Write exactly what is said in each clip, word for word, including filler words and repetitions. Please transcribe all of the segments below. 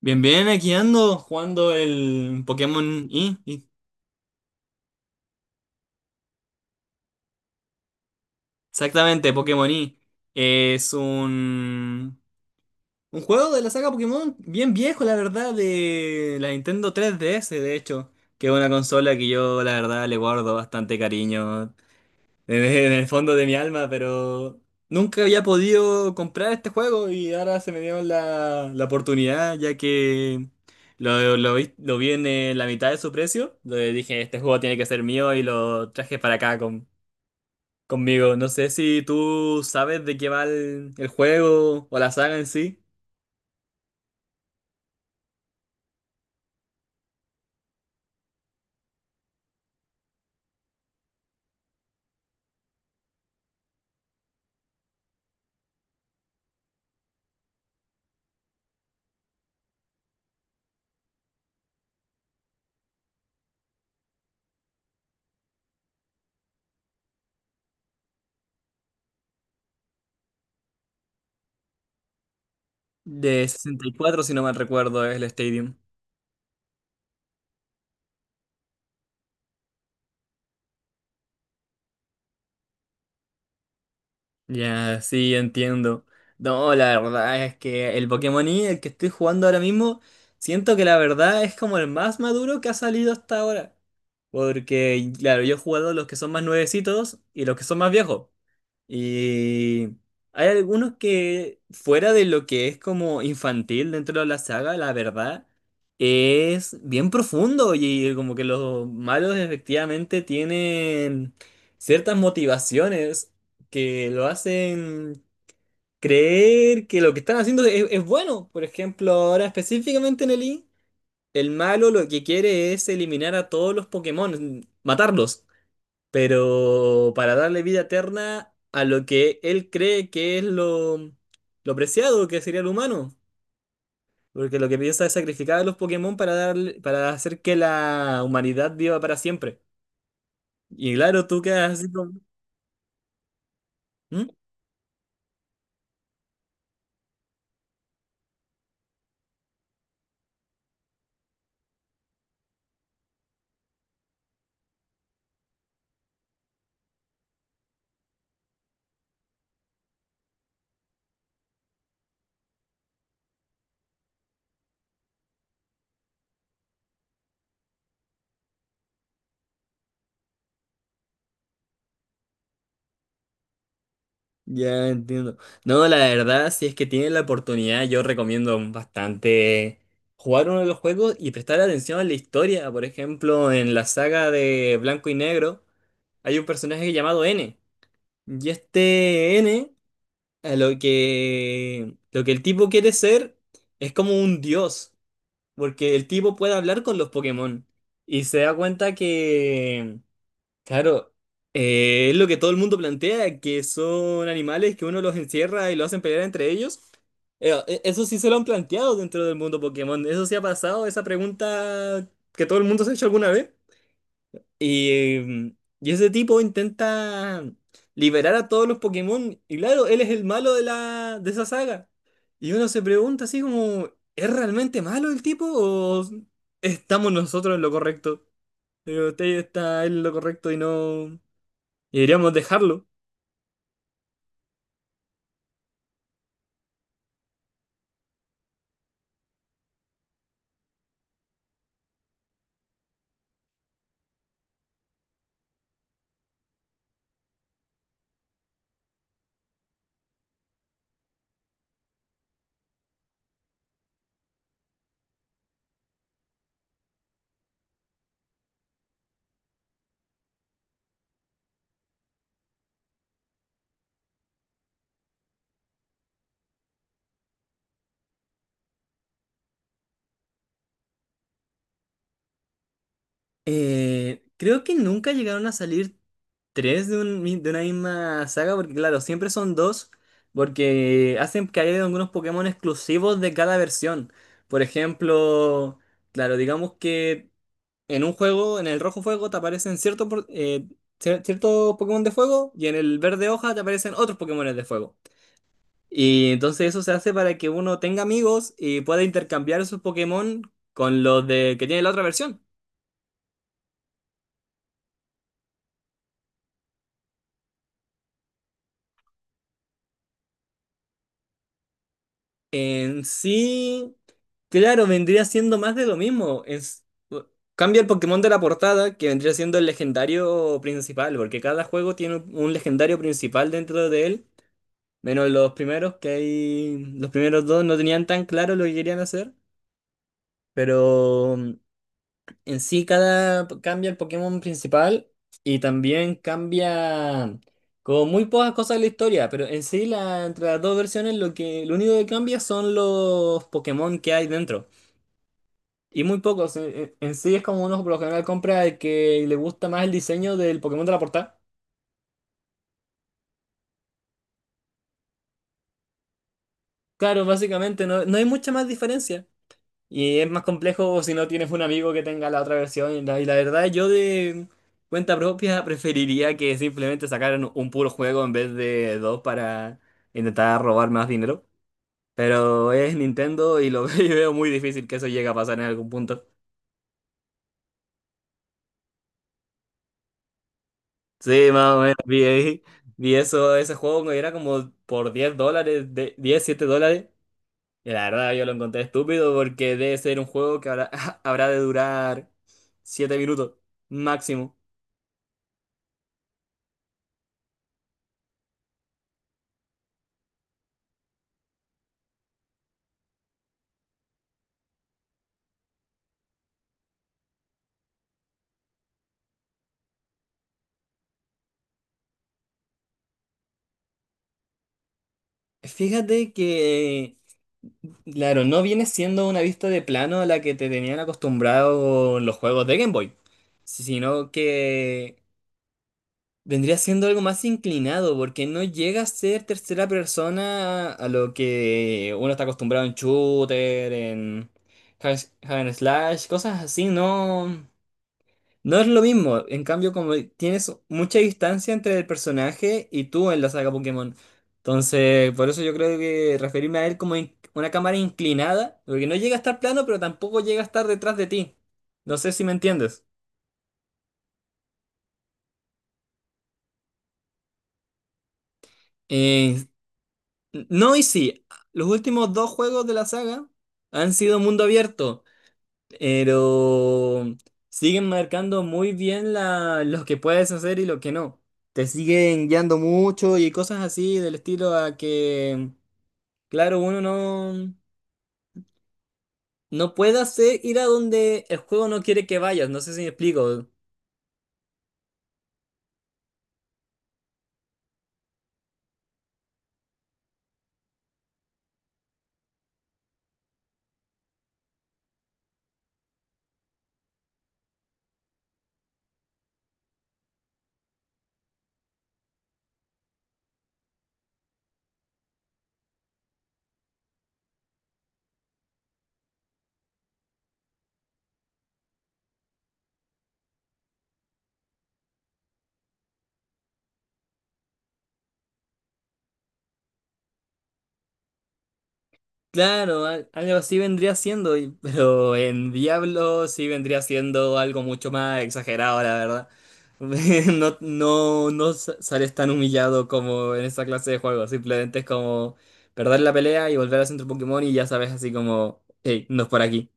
Bien, bien, aquí ando jugando el Pokémon Y. y- Exactamente, Pokémon Y. Es un, un juego de la saga Pokémon bien viejo, la verdad, de la Nintendo tres D S, de hecho, que es una consola que yo, la verdad, le guardo bastante cariño. En en el fondo de mi alma, pero nunca había podido comprar este juego y ahora se me dio la, la oportunidad, ya que lo, lo vi, lo vi en eh, la mitad de su precio. Le dije, este juego tiene que ser mío y lo traje para acá con, conmigo. No sé si tú sabes de qué va el, el juego o la saga en sí. De sesenta y cuatro si no mal recuerdo, es el Stadium. Ya, sí, entiendo. No, la verdad es que el Pokémon Y, el que estoy jugando ahora mismo, siento que la verdad es como el más maduro que ha salido hasta ahora. Porque, claro, yo he jugado los que son más nuevecitos y los que son más viejos. Y hay algunos que, fuera de lo que es como infantil dentro de la saga, la verdad, es bien profundo y como que los malos efectivamente tienen ciertas motivaciones que lo hacen creer que lo que están haciendo es, es bueno. Por ejemplo, ahora específicamente en el I, el malo lo que quiere es eliminar a todos los Pokémon, matarlos, pero para darle vida eterna a lo que él cree que es lo, lo preciado que sería el humano. Porque lo que piensa es sacrificar a los Pokémon para darle, para hacer que la humanidad viva para siempre. Y claro, tú quedas así como... ¿Mm? Ya entiendo. No, la verdad, si es que tienen la oportunidad, yo recomiendo bastante jugar uno de los juegos y prestar atención a la historia. Por ejemplo, en la saga de Blanco y Negro hay un personaje llamado N. Y este N, a lo que, lo que el tipo quiere ser es como un dios, porque el tipo puede hablar con los Pokémon y se da cuenta que, claro, eh, es lo que todo el mundo plantea, que son animales que uno los encierra y lo hacen pelear entre ellos. Eh, e- Eso sí se lo han planteado dentro del mundo Pokémon, eso sí ha pasado, esa pregunta que todo el mundo se ha hecho alguna vez. Y, mm, y ese tipo intenta liberar a todos los Pokémon. Y claro, él es el malo de la, de esa saga. Y uno se pregunta así como, ¿es realmente malo el tipo o estamos nosotros en lo correcto? Pero usted está en lo correcto y no... Y deberíamos dejarlo. Eh, creo que nunca llegaron a salir tres de, un mi- de una misma saga, porque claro, siempre son dos, porque hacen que haya algunos Pokémon exclusivos de cada versión. Por ejemplo, claro, digamos que en un juego, en el rojo fuego, te aparecen ciertos por- eh, cier- ciertos Pokémon de fuego y en el verde hoja te aparecen otros Pokémon de fuego. Y entonces eso se hace para que uno tenga amigos y pueda intercambiar sus Pokémon con los de que tiene la otra versión. En sí, claro, vendría siendo más de lo mismo. Es, cambia el Pokémon de la portada, que vendría siendo el legendario principal, porque cada juego tiene un legendario principal dentro de él, menos los primeros, que hay, los primeros dos no tenían tan claro lo que querían hacer, pero en sí, cada cambia el Pokémon principal y también cambia como muy pocas cosas de la historia, pero en sí la, entre las dos versiones lo que lo único que cambia son los Pokémon que hay dentro. Y muy pocos. En, en- en sí es como uno por lo general compra el que le gusta más el diseño del Pokémon de la portada. Claro, básicamente no, no hay mucha más diferencia. Y es más complejo si no tienes un amigo que tenga la otra versión. Y la, y la verdad, yo de cuenta propia preferiría que simplemente sacaran un puro juego en vez de dos para intentar robar más dinero. Pero es Nintendo y lo y veo muy difícil que eso llegue a pasar en algún punto. Sí, más o menos vi, ahí- vi eso, ese juego que era como por diez dólares, de, diez siete dólares. Y la verdad yo lo encontré estúpido porque debe ser un juego que habrá, habrá de durar siete minutos máximo. Fíjate que, claro, no viene siendo una vista de plano a la que te tenían acostumbrado los juegos de Game Boy, sino que vendría siendo algo más inclinado, porque no llega a ser tercera persona a lo que uno está acostumbrado en shooter, en hack hack and slash, cosas así, no. No es lo mismo, en cambio como tienes mucha distancia entre el personaje y tú en la saga Pokémon. Entonces, por eso yo creo que referirme a él como in- una cámara inclinada, porque no llega a estar plano, pero tampoco llega a estar detrás de ti. No sé si me entiendes. Eh, no y sí, los últimos dos juegos de la saga han sido mundo abierto, pero siguen marcando muy bien la, lo que puedes hacer y lo que no. Te siguen guiando mucho y cosas así del estilo a que, claro, uno no, no puede hacer ir a donde el juego no quiere que vayas. No sé si me explico. Claro, al- algo así vendría siendo, y- pero en Diablo sí vendría siendo algo mucho más exagerado, la verdad. No, no, no sa- sales tan humillado como en esa clase de juegos, simplemente es como perder la pelea y volver al centro Pokémon y ya sabes así como, hey, no es por aquí.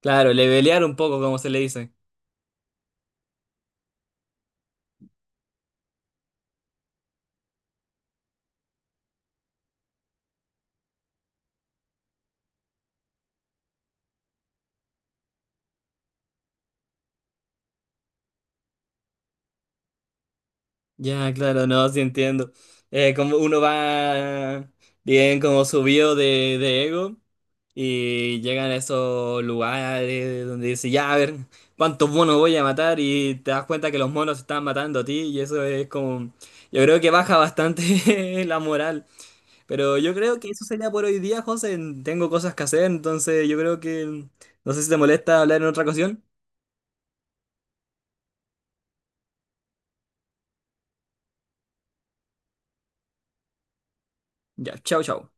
Claro, levelear un poco, como se le dice. Ya, claro, no, sí entiendo. Eh, como uno va bien como subido de, de ego. Y llegan a esos lugares donde dice, ya, a ver, ¿cuántos monos voy a matar? Y te das cuenta que los monos están matando a ti y eso es como... Yo creo que baja bastante la moral. Pero yo creo que eso sería por hoy día, José. Tengo cosas que hacer, entonces yo creo que... No sé si te molesta hablar en otra ocasión. Ya, chao, chao.